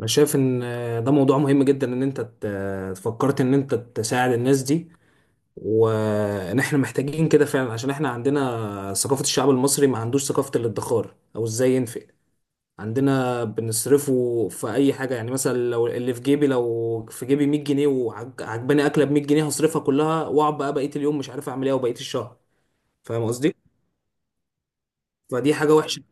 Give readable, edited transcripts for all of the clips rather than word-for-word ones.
انا شايف ان ده موضوع مهم جدا ان انت فكرت ان انت تساعد الناس دي. وان احنا محتاجين كده فعلا، عشان احنا عندنا ثقافة، الشعب المصري ما عندوش ثقافة الادخار او ازاي ينفق. عندنا بنصرفه في اي حاجة، يعني مثلا لو اللي في جيبي، لو في جيبي 100 جنيه وعجباني اكلة ب 100 جنيه هصرفها كلها، واقعد بقى بقية اليوم مش عارف اعمل ايه وبقية الشهر. فاهم قصدي؟ فدي حاجة وحشة.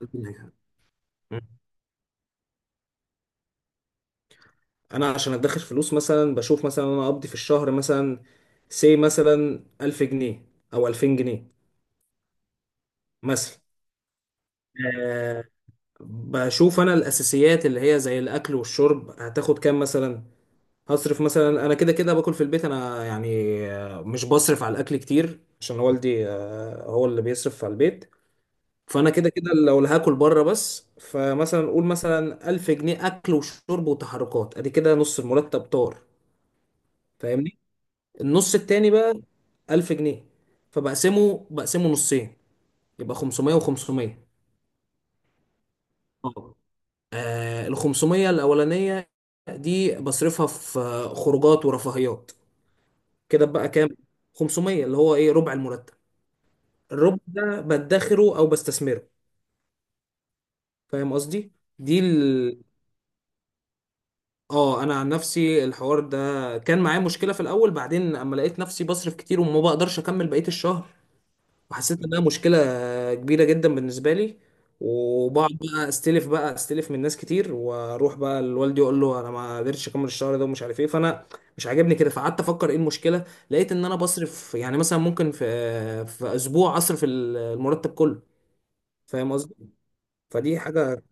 انا عشان ادخر فلوس، مثلا بشوف مثلا انا اقضي في الشهر مثلا مثلا 1000 جنيه او 2000 جنيه مثلا، أه بشوف انا الاساسيات اللي هي زي الاكل والشرب هتاخد كام مثلا. هصرف مثلا، انا كده كده باكل في البيت، انا يعني مش بصرف على الاكل كتير، عشان والدي هو اللي بيصرف على البيت. فانا كده كده لو اللي هاكل بره بس، فمثلا قول مثلا 1000 جنيه اكل وشرب وتحركات، ادي كده نص المرتب طار. فاهمني؟ النص التاني بقى 1000 جنيه، فبقسمه نصين، يبقى 500 و500. اه، ال 500 الاولانيه دي بصرفها في خروجات ورفاهيات، كده بقى كام؟ 500، اللي هو ايه، ربع المرتب. الربع ده بدخره او بستثمره. فاهم قصدي؟ دي ال... اه، انا عن نفسي الحوار ده كان معايا مشكله في الاول، بعدين اما لقيت نفسي بصرف كتير وما بقدرش اكمل بقيه الشهر، وحسيت انها مشكله كبيره جدا بالنسبه لي، وبقعد بقى استلف، من ناس كتير، واروح بقى لوالدي اقول له انا ما قدرتش اكمل الشهر ده ومش عارف ايه. فانا مش عاجبني كده، فقعدت افكر ايه المشكله. لقيت ان انا بصرف، يعني مثلا ممكن في اسبوع اصرف المرتب كله. فاهم قصدي؟ فدي حاجه.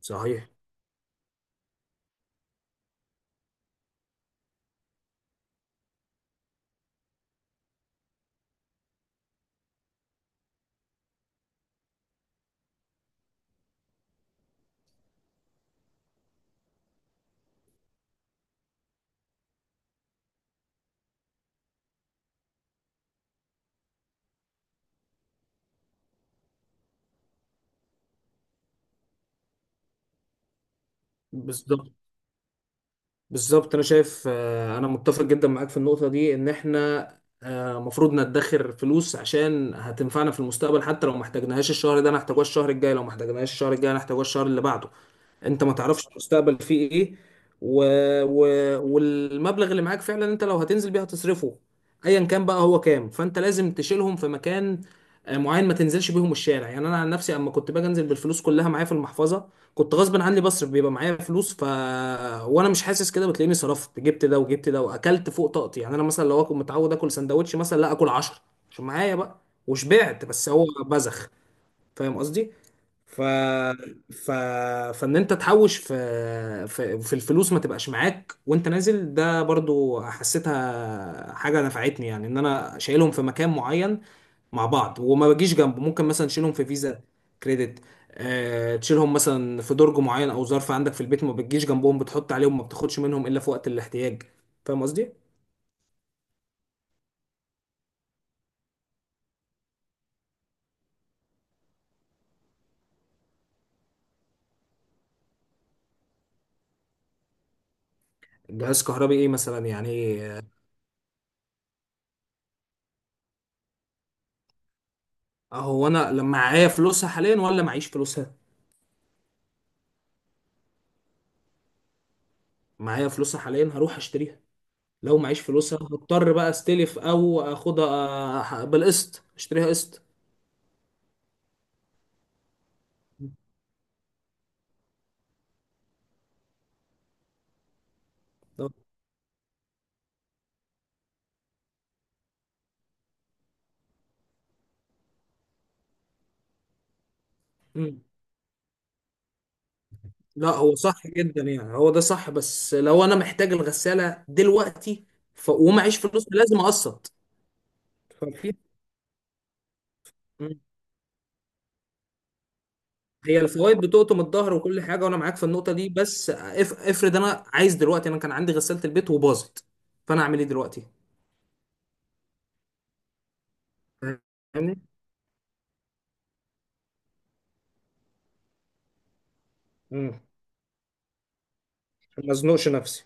صحيح. بالظبط، بالظبط. انا شايف، انا متفق جدا معاك في النقطه دي، ان احنا مفروض ندخر فلوس عشان هتنفعنا في المستقبل. حتى لو ما احتاجناهاش الشهر ده انا هحتاجوها الشهر الجاي، لو ما احتاجناهاش الشهر الجاي انا هحتاجوها الشهر اللي بعده. انت ما تعرفش المستقبل فيه ايه. و... و... والمبلغ اللي معاك فعلا، انت لو هتنزل بيه هتصرفه ايا كان بقى هو كام. فانت لازم تشيلهم في مكان معين، ما تنزلش بيهم الشارع. يعني انا عن نفسي، اما كنت باجي انزل بالفلوس كلها معايا في المحفظه، كنت غصب عني بصرف، بيبقى معايا فلوس ف وانا مش حاسس، كده بتلاقيني صرفت، جبت ده وجبت ده واكلت فوق طاقتي. يعني انا مثلا لو اكون متعود اكل سندوتش، مثلا لا اكل 10 عشان معايا بقى وشبعت، بس هو بزخ. فاهم قصدي؟ ف... ف... فان انت تحوش في... في الفلوس، ما تبقاش معاك وانت نازل. ده برضو حسيتها حاجه نفعتني، يعني ان انا شايلهم في مكان معين مع بعض وما بجيش جنبه. ممكن مثلا تشيلهم في فيزا كريدت، تشيلهم مثلا في درج معين او ظرف عندك في البيت، ما بتجيش جنبهم، بتحط عليهم، ما بتاخدش منهم الا في وقت الاحتياج. فاهم قصدي؟ جهاز كهربي ايه مثلا يعني؟ اهو انا لما معايا فلوسها حاليا ولا معيش فلوسها؟ معايا فلوسها حاليا، هروح اشتريها. لو معيش فلوسها هضطر بقى استلف او اخدها بالقسط، اشتريها قسط. طب- مم. لا، هو صح جدا، يعني هو ده صح. بس لو انا محتاج الغسالة دلوقتي ومعيش فلوس لازم اقسط. ففي، مم. هي الفوائد بتقطم الظهر وكل حاجة، وانا معاك في النقطة دي. بس افرض انا عايز دلوقتي، انا كان عندي غسالة البيت وباظت، فانا اعمل ايه دلوقتي؟ فاهمني؟ مم. عشان ما ازنقش نفسي.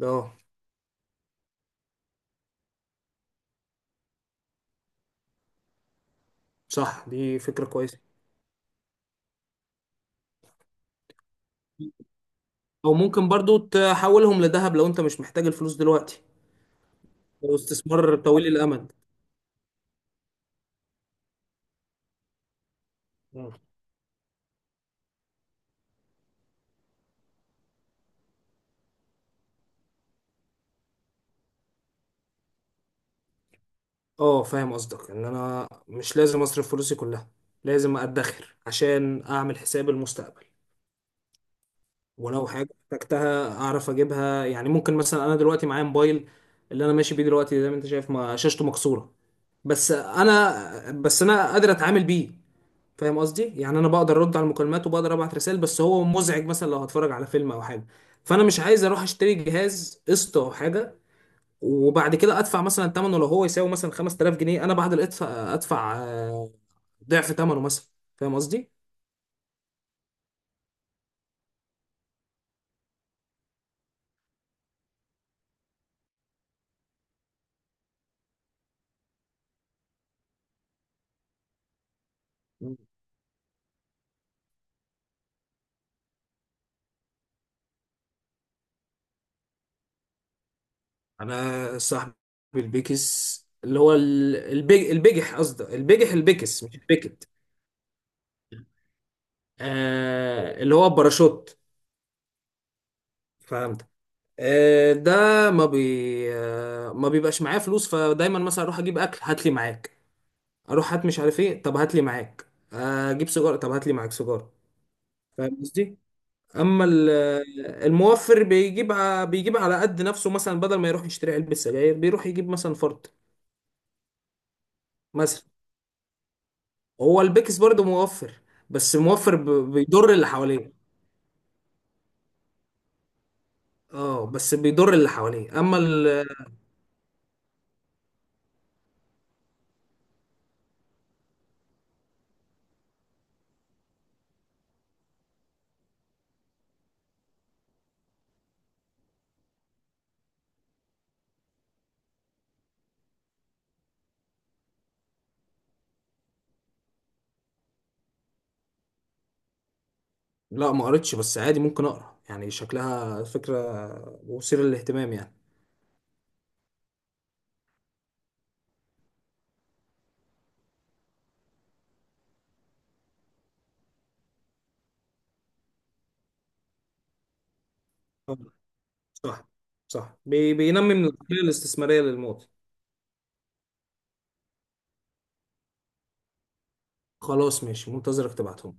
ده اه، صح، دي فكرة كويسة. او ممكن برضو تحولهم لذهب لو انت مش محتاج الفلوس دلوقتي، لو استثمار طويل الامد. مم. اه، فاهم قصدك، ان انا مش لازم اصرف فلوسي كلها، لازم ادخر عشان اعمل حساب المستقبل، ولو حاجه احتجتها اعرف اجيبها. يعني ممكن مثلا، انا دلوقتي معايا موبايل اللي انا ماشي بيه دلوقتي، زي ما انت شايف ما شاشته مكسوره. بس انا قادر اتعامل بيه. فاهم قصدي؟ يعني انا بقدر ارد على المكالمات وبقدر ابعت رسائل، بس هو مزعج مثلا لو هتفرج على فيلم او حاجه. فانا مش عايز اروح اشتري جهاز قسط او حاجه، وبعد كده ادفع مثلا ثمنه، لو هو يساوي مثلا 5000 جنيه انا بعد الادفع ادفع ضعف ثمنه مثلا. فاهم قصدي؟ انا صاحب البيكس اللي هو البجح، قصدي البجح البيكس مش البيكت. آه، اللي هو الباراشوت، فهمت. ده ما بي ما بيبقاش معايا فلوس، فدايما مثلا اروح اجيب اكل، هات لي معاك. اروح هات مش عارف ايه، طب هات لي معاك. اجيب سيجاره، طب هات لي معاك سيجاره. فاهم قصدي؟ اما الموفر بيجيب بيجيب على قد نفسه. مثلا بدل ما يروح يشتري علبه سجاير، بيروح يجيب مثلا فرد مثلا. هو البيكس برضه موفر، بس موفر بيضر اللي حواليه. اه، بس بيضر اللي حواليه، اما ال... لا، ما قريتش، بس عادي ممكن اقرا، يعني شكلها فكره مثيره للاهتمام يعني. صح، صح، بينمي من العقلية الاستثمارية للمواطن. خلاص، ماشي، منتظرك تبعتهم.